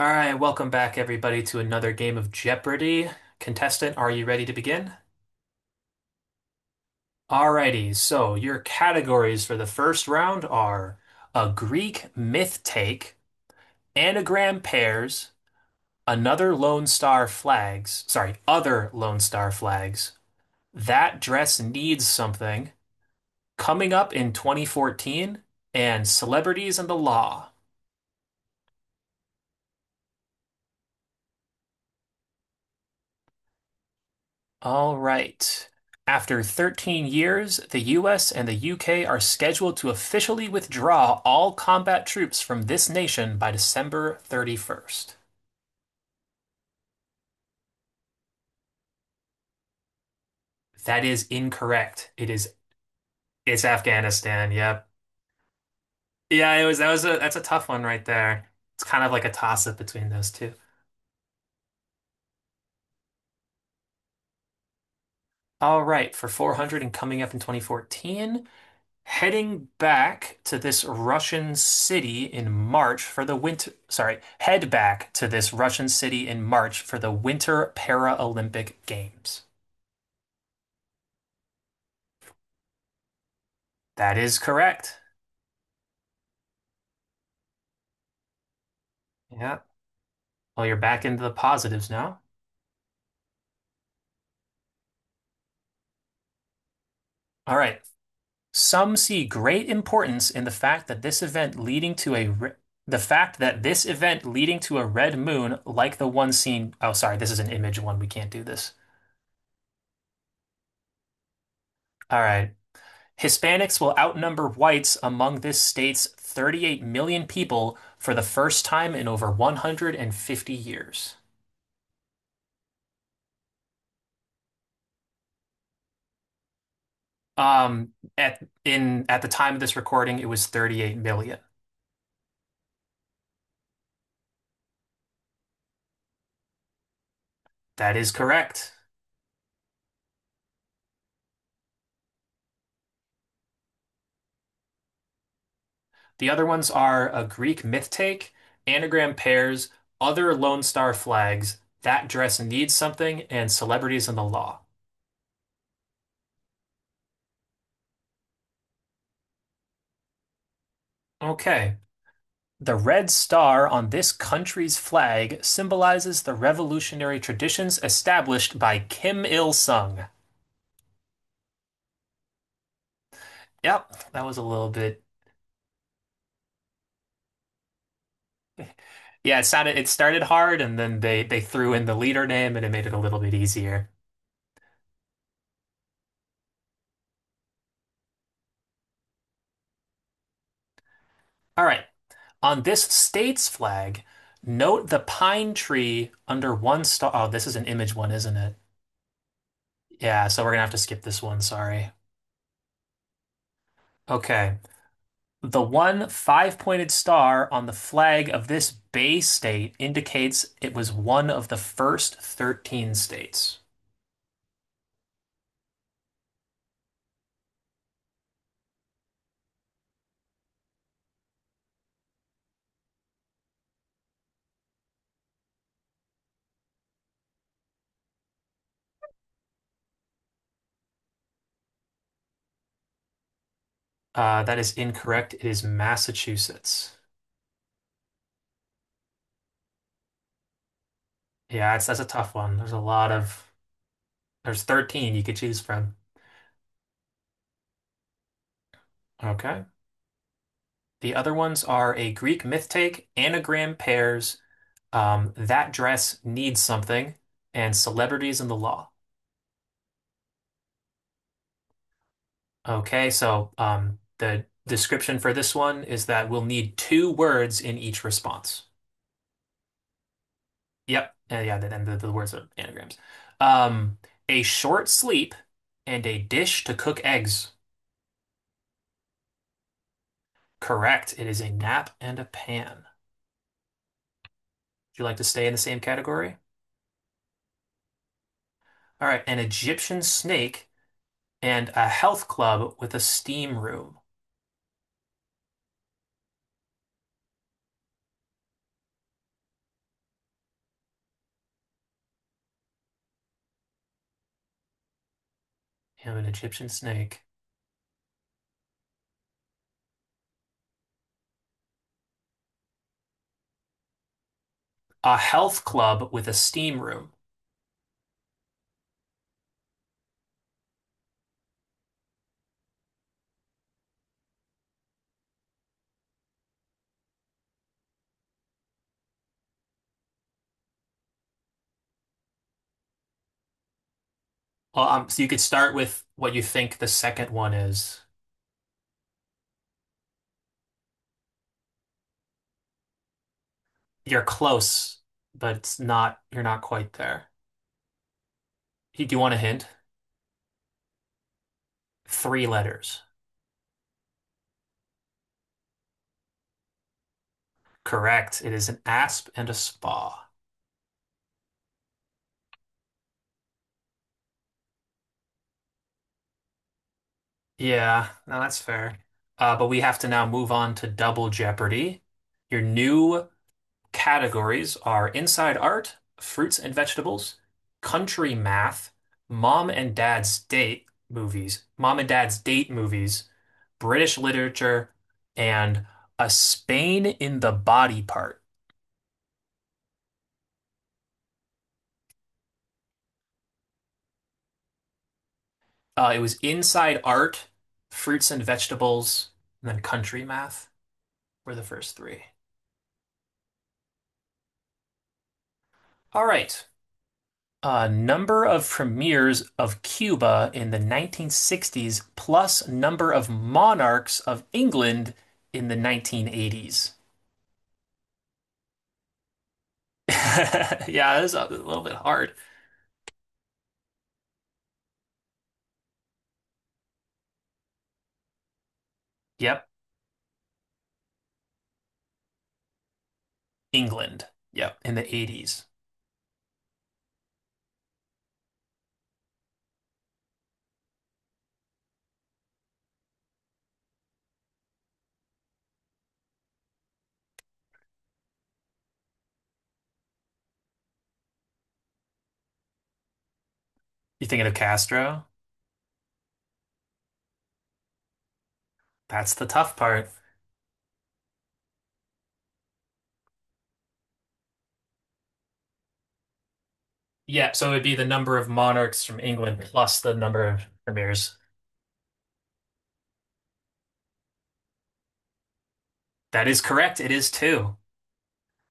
All right, welcome back, everybody, to another game of Jeopardy! Contestant, are you ready to begin? Alrighty, so your categories for the first round are a Greek myth take, anagram pairs, another Lone Star flags, sorry, other Lone Star flags, that dress needs something, coming up in 2014, and celebrities and the law. All right. After 13 years, the US and the UK are scheduled to officially withdraw all combat troops from this nation by December 31st. That is incorrect. It's Afghanistan. Yep. Yeah, it was that was a that's a tough one right there. It's kind of like a toss up between those two. All right, for 400 and coming up in 2014. Heading back to this Russian city in March for the winter, sorry, head back to this Russian city in March for the Winter Paralympic Games. That is correct. Yeah. Well, you're back into the positives now. All right. Some see great importance in the fact that this event leading to a re- the fact that this event leading to a red moon, like the one seen. Oh, sorry, this is an image one. We can't do this. All right. Hispanics will outnumber whites among this state's 38 million people for the first time in over 150 years. Um, at the time of this recording, it was 38 million. That is correct. The other ones are a Greek myth take, anagram pairs, other Lone Star flags, that dress needs something, and celebrities in the law. Okay. The red star on this country's flag symbolizes the revolutionary traditions established by Kim Il-sung. Yep, that was a little bit. Yeah, it started hard, and then they threw in the leader name, and it made it a little bit easier. All right. On this state's flag, note the pine tree under one star. Oh, this is an image one, isn't it? Yeah, so we're gonna have to skip this one, sorry. Okay. The one five-pointed star on the flag of this Bay state indicates it was one of the first 13 states. That is incorrect. It is Massachusetts. Yeah, that's a tough one. There's a lot of, there's 13 you could choose from. Okay. The other ones are a Greek myth take, anagram pairs, that dress needs something, and celebrities in the law. Okay, so the description for this one is that we'll need two words in each response. Yep, yeah, and the words are anagrams. Um, a short sleep and a dish to cook eggs. Correct, it is a nap and a pan. Would you like to stay in the same category? All right, an Egyptian snake and a health club with a steam room. Have an Egyptian snake. A health club with a steam room. Well, so you could start with what you think the second one is. You're close, but it's not, you're not quite there. Do you want a hint? Three letters. Correct. It is an asp and a spa. Yeah, no, that's fair. But we have to now move on to Double Jeopardy. Your new categories are Inside Art, Fruits and Vegetables, Country Math, Mom and Dad's Date movies, British literature, and A Spain in the Body Part. It was Inside Art, Fruits and Vegetables, and then Country Math were the first three. All right. Number of premieres of Cuba in the 1960s plus number of monarchs of England in the 1980s. Yeah, this is a little bit hard. Yep, England. Yep, in the 80s. You thinking of Castro? That's the tough part. Yeah, so it would be the number of monarchs from England plus the number of premieres. That is correct. It is two.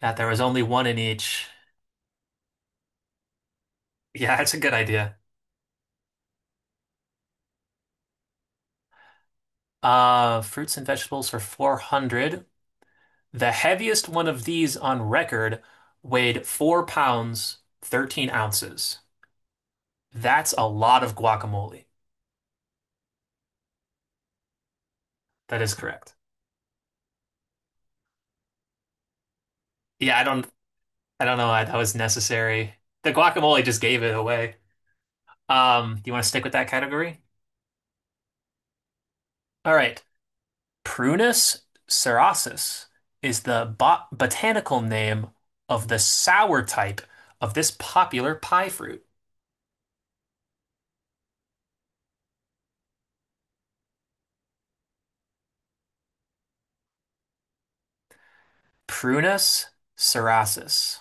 That there was only one in each. Yeah, that's a good idea. Fruits and vegetables for 400. The heaviest one of these on record weighed 4 pounds, 13 ounces. That's a lot of guacamole. That is correct. Yeah, I don't, know why that was necessary. The guacamole just gave it away. Do you want to stick with that category? All right. Prunus cerasus is the botanical name of the sour type of this popular pie fruit. Prunus cerasus.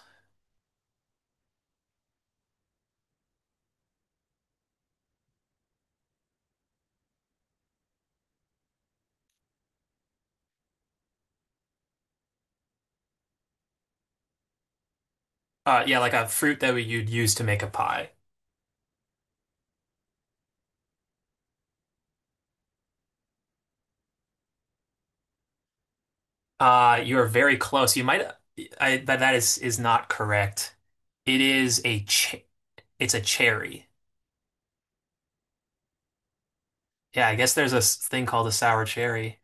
Yeah, like a fruit you'd use to make a pie. You are very close. You might, I, that that is not correct. It is a ch it's a cherry. Yeah, I guess there's a thing called a sour cherry.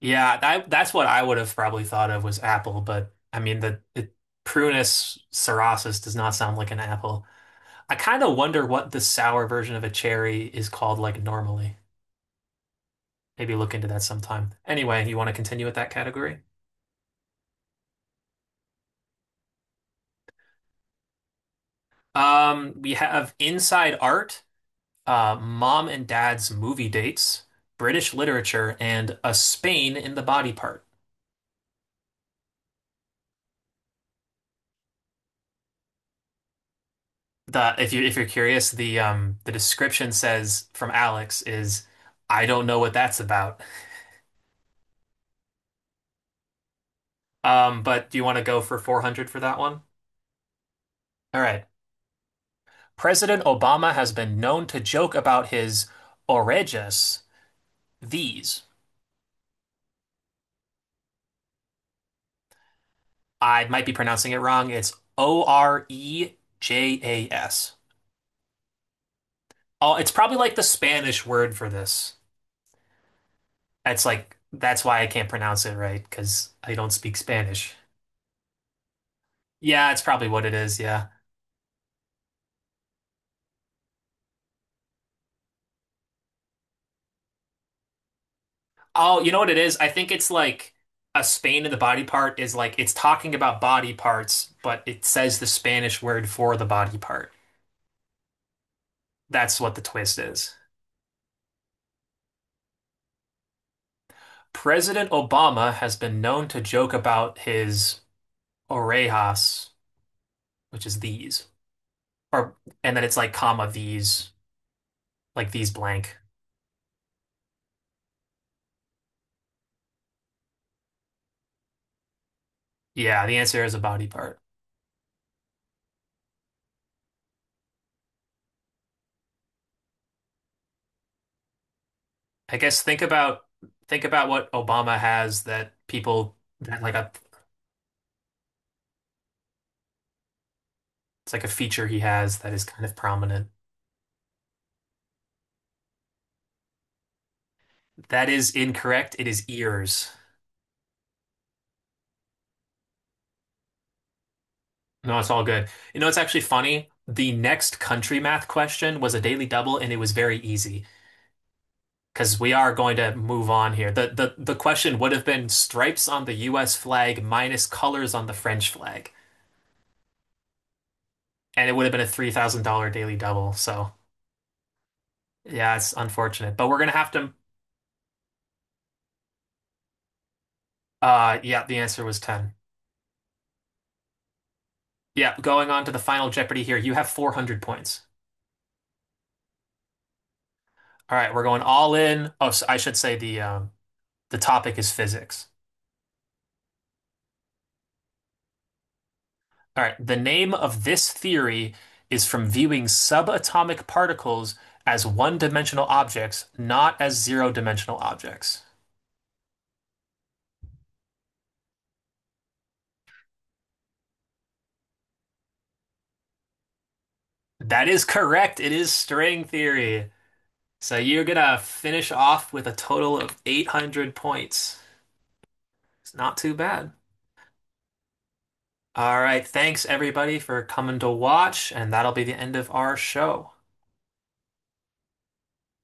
Yeah, that's what I would have probably thought of was apple, but I mean the Prunus cerasus does not sound like an apple. I kind of wonder what the sour version of a cherry is called like normally. Maybe look into that sometime. Anyway, you want to continue with that category? We have Inside Art, Mom and Dad's Movie Dates, British Literature, and A Spain in the Body Part. The if you if you're curious, the description says from Alex is, I don't know what that's about. But do you want to go for 400 for that one? All right. President Obama has been known to joke about his orejas, these. I might be pronouncing it wrong. It's Orejas. Oh, it's probably like the Spanish word for this. It's like, that's why I can't pronounce it right, because I don't speak Spanish. Yeah, it's probably what it is. Yeah. Oh, you know what it is? I think it's like a Spain in the body part is like it's talking about body parts, but it says the Spanish word for the body part. That's what the twist is. President Obama has been known to joke about his orejas, which is these, or and then it's like comma these, like these blank. Yeah, the answer is a body part. I guess think about what Obama has that people, that, like a, it's like a feature he has that is kind of prominent. That is incorrect. It is ears. No, it's all good. You know, it's actually funny. The next country math question was a daily double, and it was very easy because we are going to move on here. The question would have been stripes on the US flag minus colors on the French flag, and it would have been a $3,000 daily double. So, yeah, it's unfortunate, but we're gonna have to. Yeah, the answer was 10. Yeah, going on to the final Jeopardy here. You have 400 points. All right, we're going all in. Oh, so I should say the topic is physics. All right, the name of this theory is from viewing subatomic particles as one-dimensional objects, not as zero-dimensional objects. That is correct. It is string theory. So you're gonna finish off with a total of 800 points. It's not too bad. All right, thanks everybody for coming to watch, and that'll be the end of our show.